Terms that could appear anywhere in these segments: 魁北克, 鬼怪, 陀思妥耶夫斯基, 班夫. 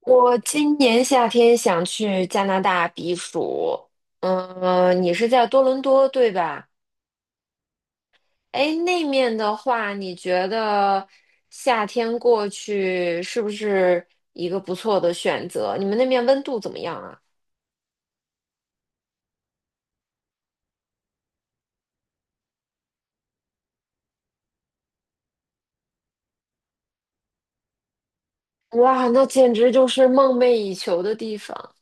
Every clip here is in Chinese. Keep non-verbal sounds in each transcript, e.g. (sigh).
我今年夏天想去加拿大避暑，嗯，你是在多伦多对吧？哎，那面的话，你觉得夏天过去是不是一个不错的选择？你们那面温度怎么样啊？哇，那简直就是梦寐以求的地方。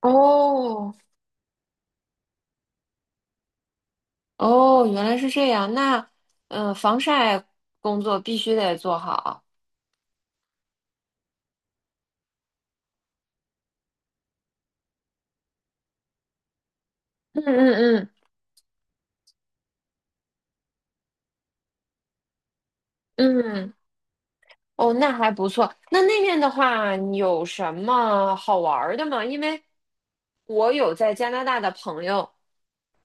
哦哦，原来是这样。那防晒工作必须得做好。嗯嗯嗯嗯。哦，那还不错。那那面的话，你有什么好玩儿的吗？因为我有在加拿大的朋友，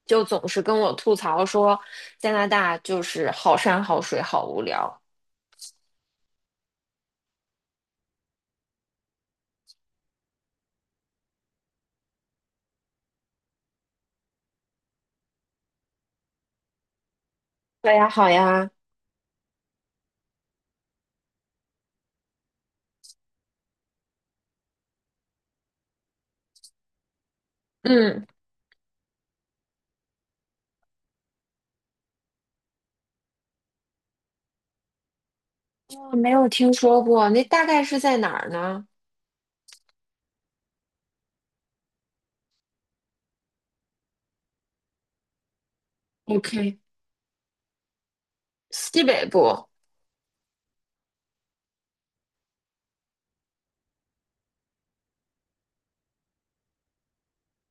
就总是跟我吐槽说，加拿大就是好山好水好无聊。对呀，好呀，嗯，我没有听说过，那大概是在哪儿呢？OK，西北部。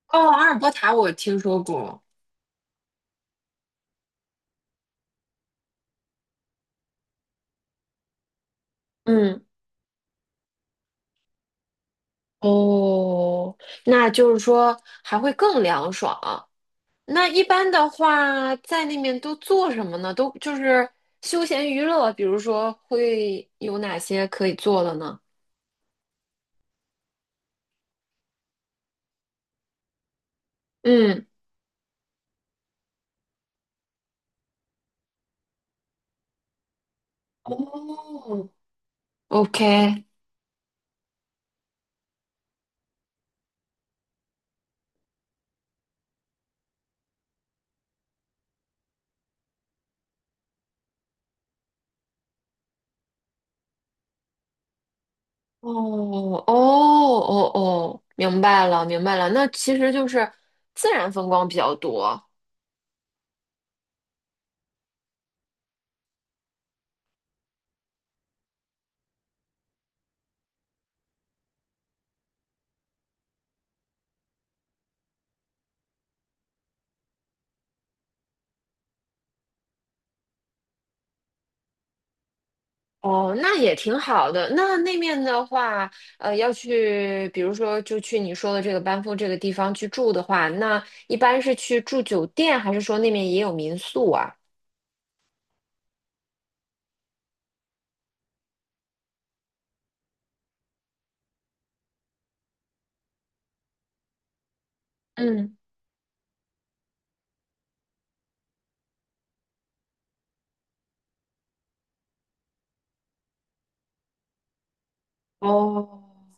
哦，阿尔伯塔我听说过。嗯，哦，那就是说还会更凉爽。那一般的话，在那面都做什么呢？都就是休闲娱乐，比如说会有哪些可以做的呢？嗯，哦 OK，哦哦哦哦，明白了明白了。那其实就是自然风光比较多哦，那也挺好的。那面的话，要去，比如说就去你说的这个班夫这个地方去住的话，那一般是去住酒店，还是说那面也有民宿啊？嗯，哦，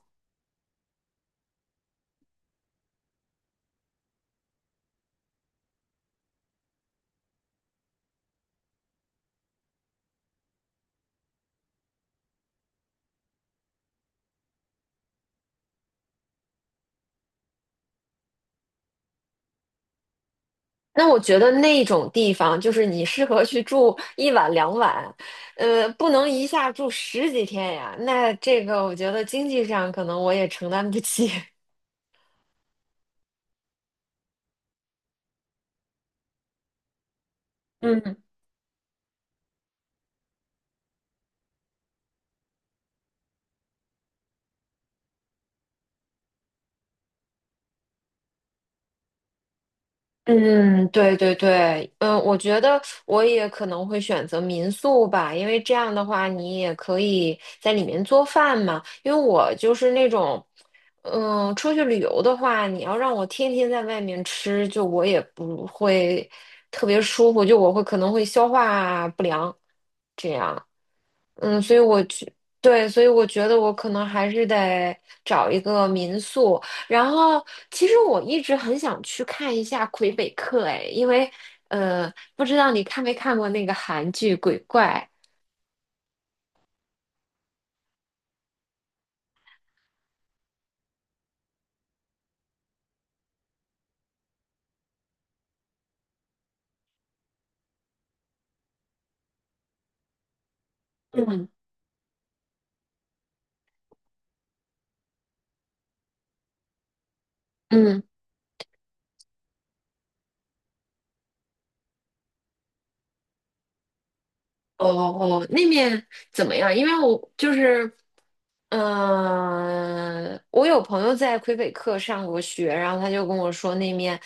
那我觉得那种地方就是你适合去住一晚两晚，不能一下住十几天呀。那这个我觉得经济上可能我也承担不起。(laughs) 嗯。嗯，对对对，嗯，我觉得我也可能会选择民宿吧，因为这样的话你也可以在里面做饭嘛。因为我就是那种，嗯，出去旅游的话，你要让我天天在外面吃，就我也不会特别舒服，就我会可能会消化不良这样。嗯，所以对，所以我觉得我可能还是得找一个民宿。然后，其实我一直很想去看一下魁北克，哎，因为呃，不知道你看没看过那个韩剧《鬼怪》？嗯嗯，哦哦，那面怎么样？因为我就是我有朋友在魁北克上过学，然后他就跟我说那面，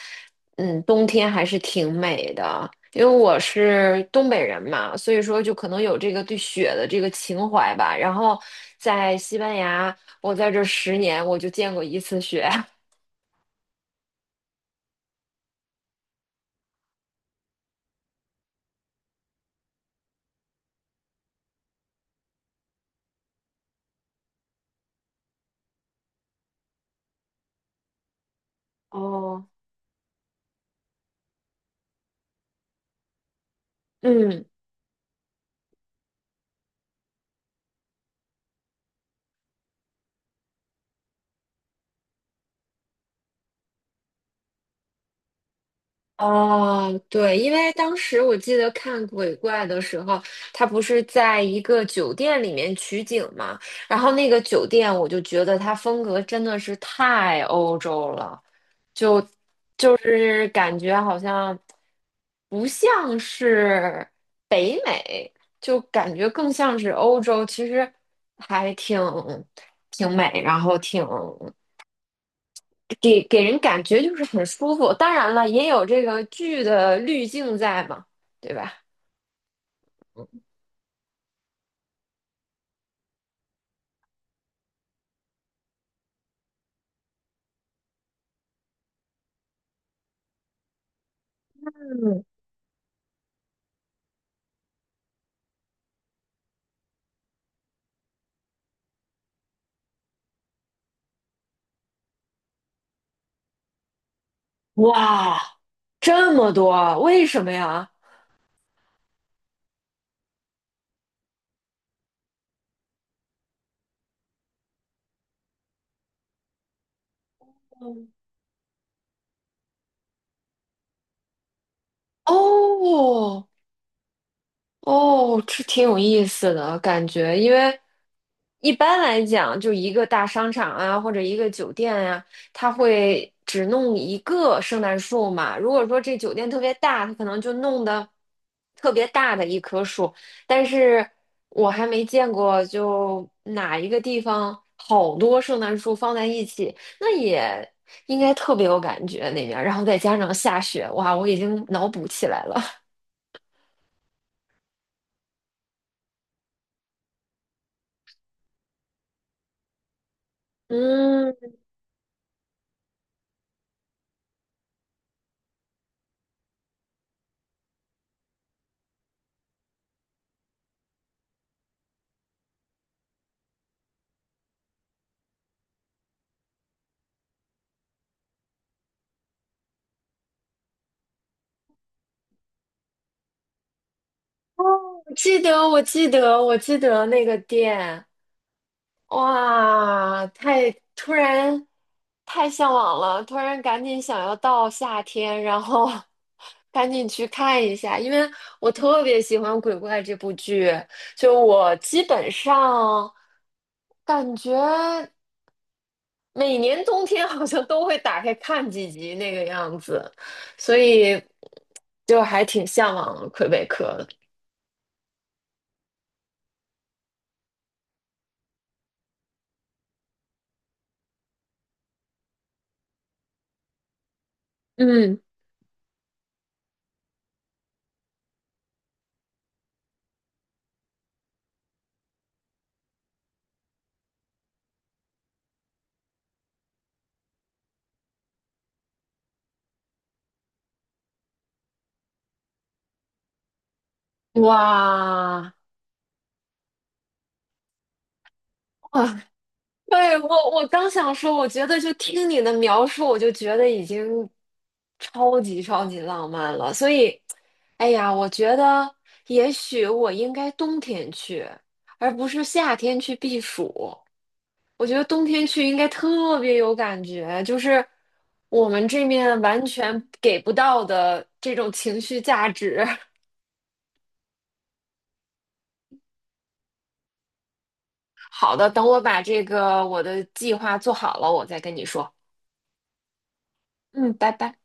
嗯，冬天还是挺美的。因为我是东北人嘛，所以说就可能有这个对雪的这个情怀吧。然后在西班牙，我在这10年我就见过一次雪。(laughs) 哦，嗯。哦，对，因为当时我记得看鬼怪的时候，他不是在一个酒店里面取景嘛，然后那个酒店我就觉得它风格真的是太欧洲了，就就是感觉好像不像是北美，就感觉更像是欧洲，其实还挺美，然后给人感觉就是很舒服。当然了，也有这个剧的滤镜在嘛，对吧？嗯，哇，这么多，为什么呀？嗯哦哦，这挺有意思的感觉，因为一般来讲，就一个大商场啊，或者一个酒店呀、它会只弄一个圣诞树嘛。如果说这酒店特别大，它可能就弄的特别大的一棵树。但是我还没见过，就哪一个地方好多圣诞树放在一起，那也应该特别有感觉那边儿然后再加上下雪，哇，我已经脑补起来了。嗯，记得，我记得，我记得那个店。哇，太突然，太向往了，突然赶紧想要到夏天，然后 (laughs) 赶紧去看一下，因为我特别喜欢《鬼怪》这部剧，就我基本上感觉每年冬天好像都会打开看几集那个样子，所以就还挺向往魁北克的。嗯，哇。(laughs) 对，我刚想说，我觉得就听你的描述，我就觉得已经超级超级浪漫了。所以，哎呀，我觉得也许我应该冬天去，而不是夏天去避暑。我觉得冬天去应该特别有感觉，就是我们这面完全给不到的这种情绪价值。(laughs) 好的，等我把这个我的计划做好了，我再跟你说。嗯，拜拜。